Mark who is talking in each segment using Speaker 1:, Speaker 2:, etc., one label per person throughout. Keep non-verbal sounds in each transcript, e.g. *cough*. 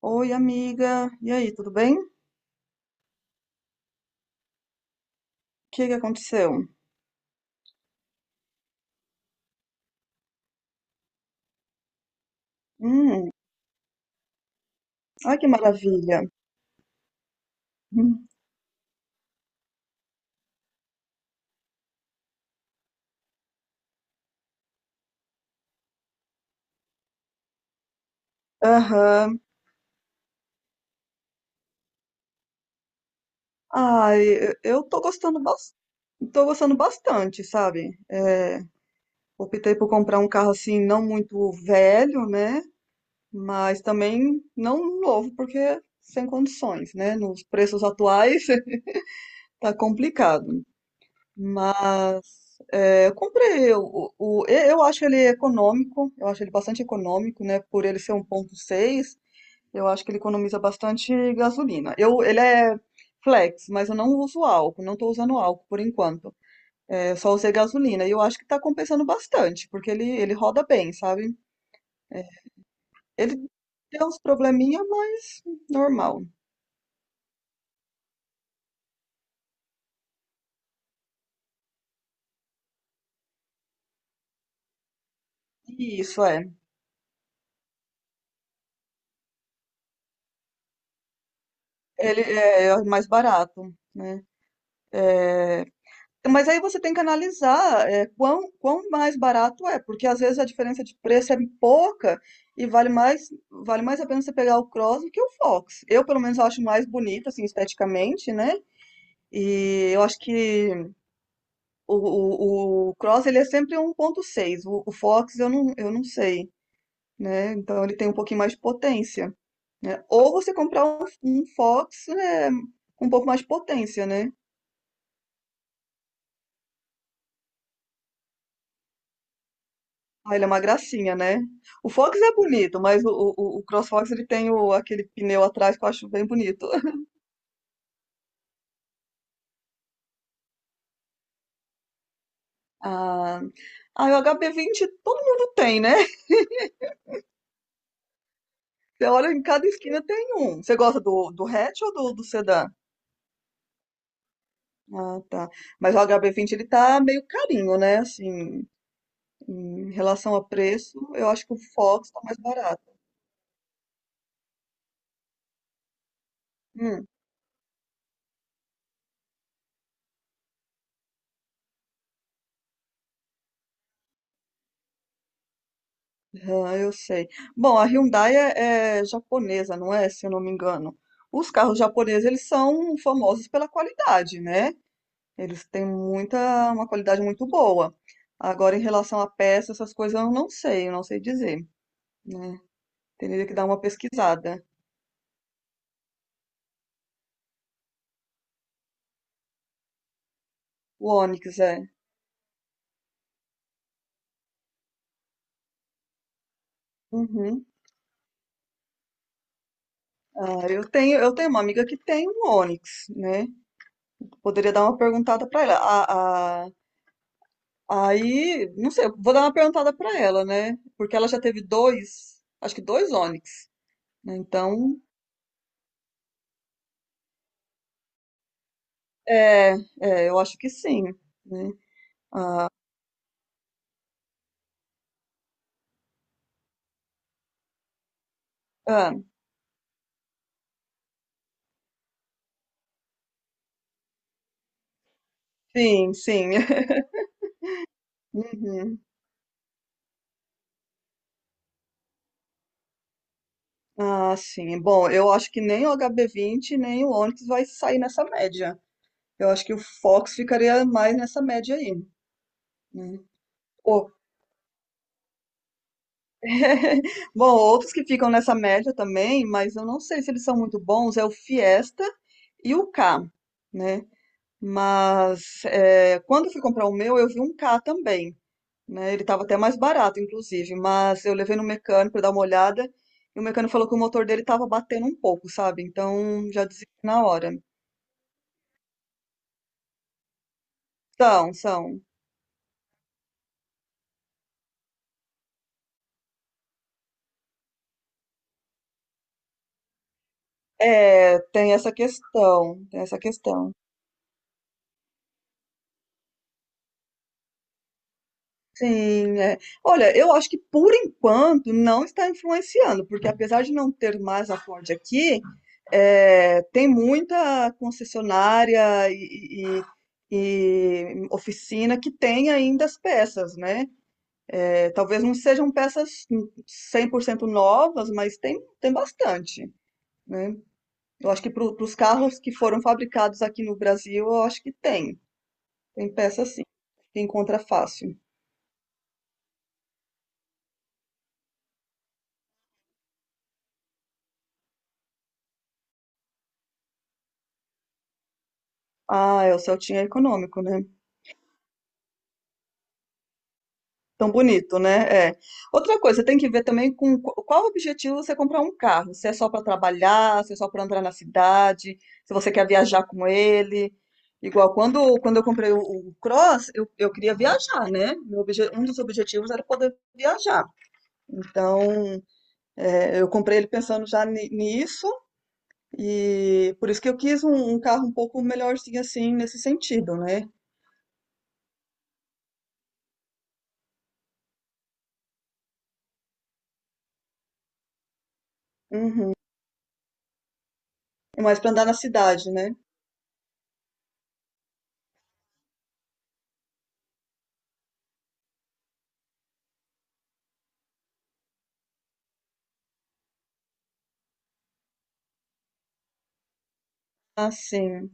Speaker 1: Oi, amiga. E aí, tudo bem? O que que aconteceu? Hum, ai que maravilha. Hum. Aham. Ai, eu tô gostando bastante, sabe? É, optei por comprar um carro assim não muito velho, né? Mas também não novo, porque sem condições, né? Nos preços atuais *laughs* tá complicado. Mas é, eu comprei o, e- eu acho ele econômico, eu acho ele bastante econômico, né? Por ele ser um ponto seis, eu acho que ele economiza bastante gasolina. Ele é flex, mas eu não uso álcool, não estou usando álcool por enquanto. É, eu só usei gasolina e eu acho que está compensando bastante, porque ele roda bem, sabe? Ele tem uns probleminha, mas normal. Isso é. Ele é mais barato, né? É, mas aí você tem que analisar, quão mais barato é, porque às vezes a diferença de preço é pouca e vale mais a pena você pegar o Cross do que o Fox. Eu, pelo menos, acho mais bonito, assim, esteticamente, né? E eu acho que o Cross, ele é sempre um 1.6. O Fox, eu não sei, né? Então, ele tem um pouquinho mais de potência, né? Ou você comprar um, Fox, né, com um pouco mais de potência, né? Ah, ele é uma gracinha, né? O Fox é bonito, mas o CrossFox ele tem o, aquele pneu atrás que eu acho bem bonito. *laughs* Ah, ah, e o HB20 todo mundo tem, né? Você olha em cada esquina tem um. Você gosta do, do, hatch ou do sedã? Ah, tá. Mas o HB20 ele tá meio carinho, né? Assim, em relação a preço, eu acho que o Fox tá mais barato. Hum. Ah, eu sei. Bom, a Hyundai é japonesa, não é? Se eu não me engano. Os carros japoneses, eles são famosos pela qualidade, né? Eles têm uma qualidade muito boa. Agora, em relação a peça, essas coisas eu não sei dizer, né? Teria que dar uma pesquisada. O Onix, é. Uhum. Ah, eu tenho, uma amiga que tem um Onix, né? Poderia dar uma perguntada para ela. Aí, não sei, eu vou dar uma perguntada pra ela, né? Porque ela já teve dois, acho que dois Onix, né? Então, é, eu acho que sim, né? Ah, sim, sim. *laughs* Uhum. Ah, sim. Bom, eu acho que nem o HB20 nem o Onix vai sair nessa média. Eu acho que o Fox ficaria mais nessa média aí, né? O- *laughs* Bom, outros que ficam nessa média também, mas eu não sei se eles são muito bons, é o Fiesta e o K, né? Mas quando eu fui comprar o meu, eu vi um K também, né? Ele estava até mais barato, inclusive, mas eu levei no mecânico para dar uma olhada e o mecânico falou que o motor dele estava batendo um pouco, sabe? Então já desisti na hora. São, são. É, tem essa questão, tem essa questão. Sim, é. Olha, eu acho que por enquanto não está influenciando, porque apesar de não ter mais a Ford aqui, é, tem muita concessionária e oficina que tem ainda as peças, né? É, talvez não sejam peças 100% novas, mas tem, bastante, né? Eu acho que para os carros que foram fabricados aqui no Brasil, eu acho que tem. Tem peça sim, que encontra fácil. Ah, é, o Celtinha é econômico, né? Tão bonito, né? É. Outra coisa, tem que ver também com qual o objetivo você comprar um carro. Se é só para trabalhar, se é só para andar na cidade, se você quer viajar com ele. Igual quando, eu comprei o, Cross, eu queria viajar, né? Um dos objetivos era poder viajar. Então, é, eu comprei ele pensando já nisso, e por isso que eu quis um, carro um pouco melhorzinho assim, nesse sentido, né? Mais para andar na cidade, né? Assim.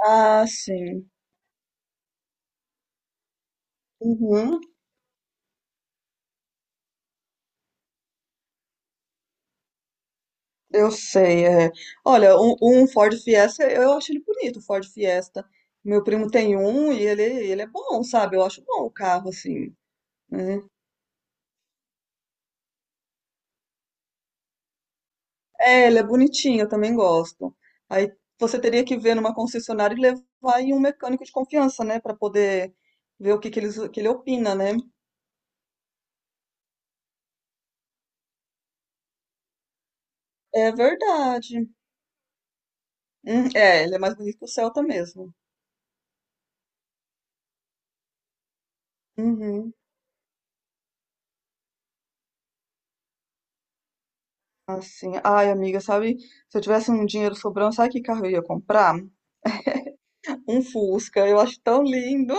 Speaker 1: Ah, sim. Uhum, eu sei, é. Olha, um Ford Fiesta, eu acho ele bonito, o Ford Fiesta. Meu primo tem um e ele é bom, sabe? Eu acho bom o carro, assim, né? É, ele é bonitinho, eu também gosto. Aí você teria que ver numa concessionária e levar aí um mecânico de confiança, né? Pra poder ver o que que ele opina, né? É verdade. É, ele é mais bonito que o Celta mesmo. Uhum. Assim, ai, amiga, sabe? Se eu tivesse um dinheiro sobrando, sabe que carro eu ia comprar? Um Fusca, eu acho tão lindo.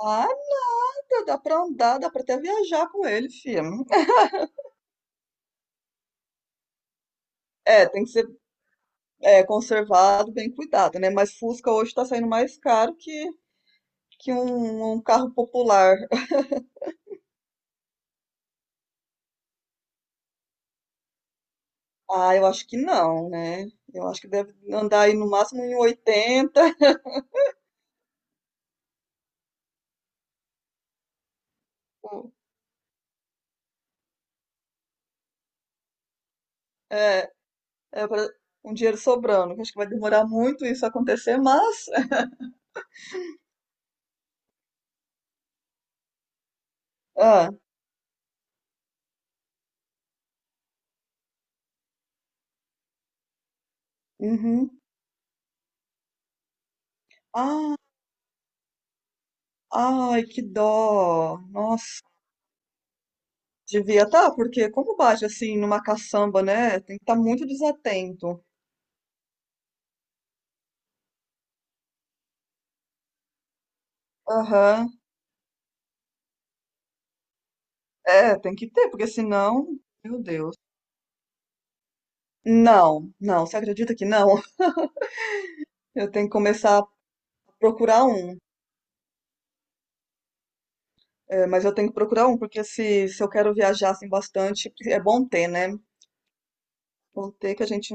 Speaker 1: Ah, meu Deus, dá pra andar, dá pra até viajar com ele, filha. É, tem que ser conservado, bem cuidado, né? Mas Fusca hoje tá saindo mais caro que, um carro popular. Ah, eu acho que não, né? Eu acho que deve andar aí no máximo em 80. É, é pra um dinheiro sobrando. Que Acho que vai demorar muito isso acontecer, mas. Ah, uhum. Ah, ai, que dó. Nossa. Devia tá, porque como bate assim numa caçamba, né? Tem que estar muito desatento. Aham. É, tem que ter, porque senão, meu Deus. Não, não, você acredita que não? *laughs* Eu tenho que começar a procurar um. É, mas eu tenho que procurar um, porque se, eu quero viajar assim bastante, é bom ter, né? Bom ter que a gente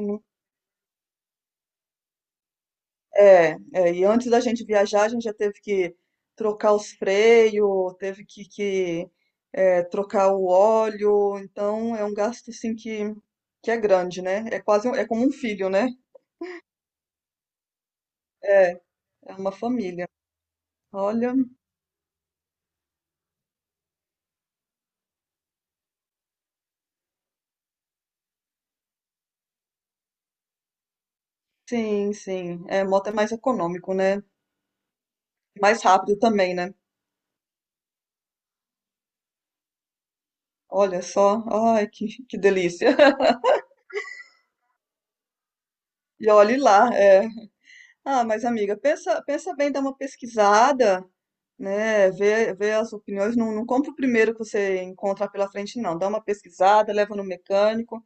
Speaker 1: E antes da gente viajar, a gente já teve que trocar os freios, teve que trocar o óleo, então é um gasto assim que é grande, né? É como um filho, né? É, é uma família. Olha, sim, sim. É, moto é mais econômico, né? Mais rápido também, né? Olha só, ai, que delícia. *laughs* E olhe lá, é. Ah, mas amiga, pensa, pensa bem, dá uma pesquisada, né? Vê, vê as opiniões. Não, não compra o primeiro que você encontrar pela frente, não. Dá uma pesquisada, leva no mecânico,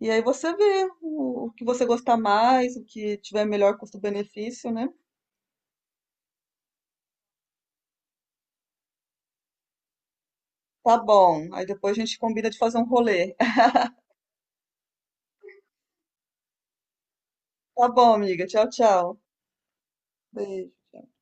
Speaker 1: e aí você vê o que você gostar mais, o que tiver melhor custo-benefício, né? Tá bom. Aí depois a gente combina de fazer um rolê. *laughs* Tá bom, amiga. Tchau, tchau. Beijo.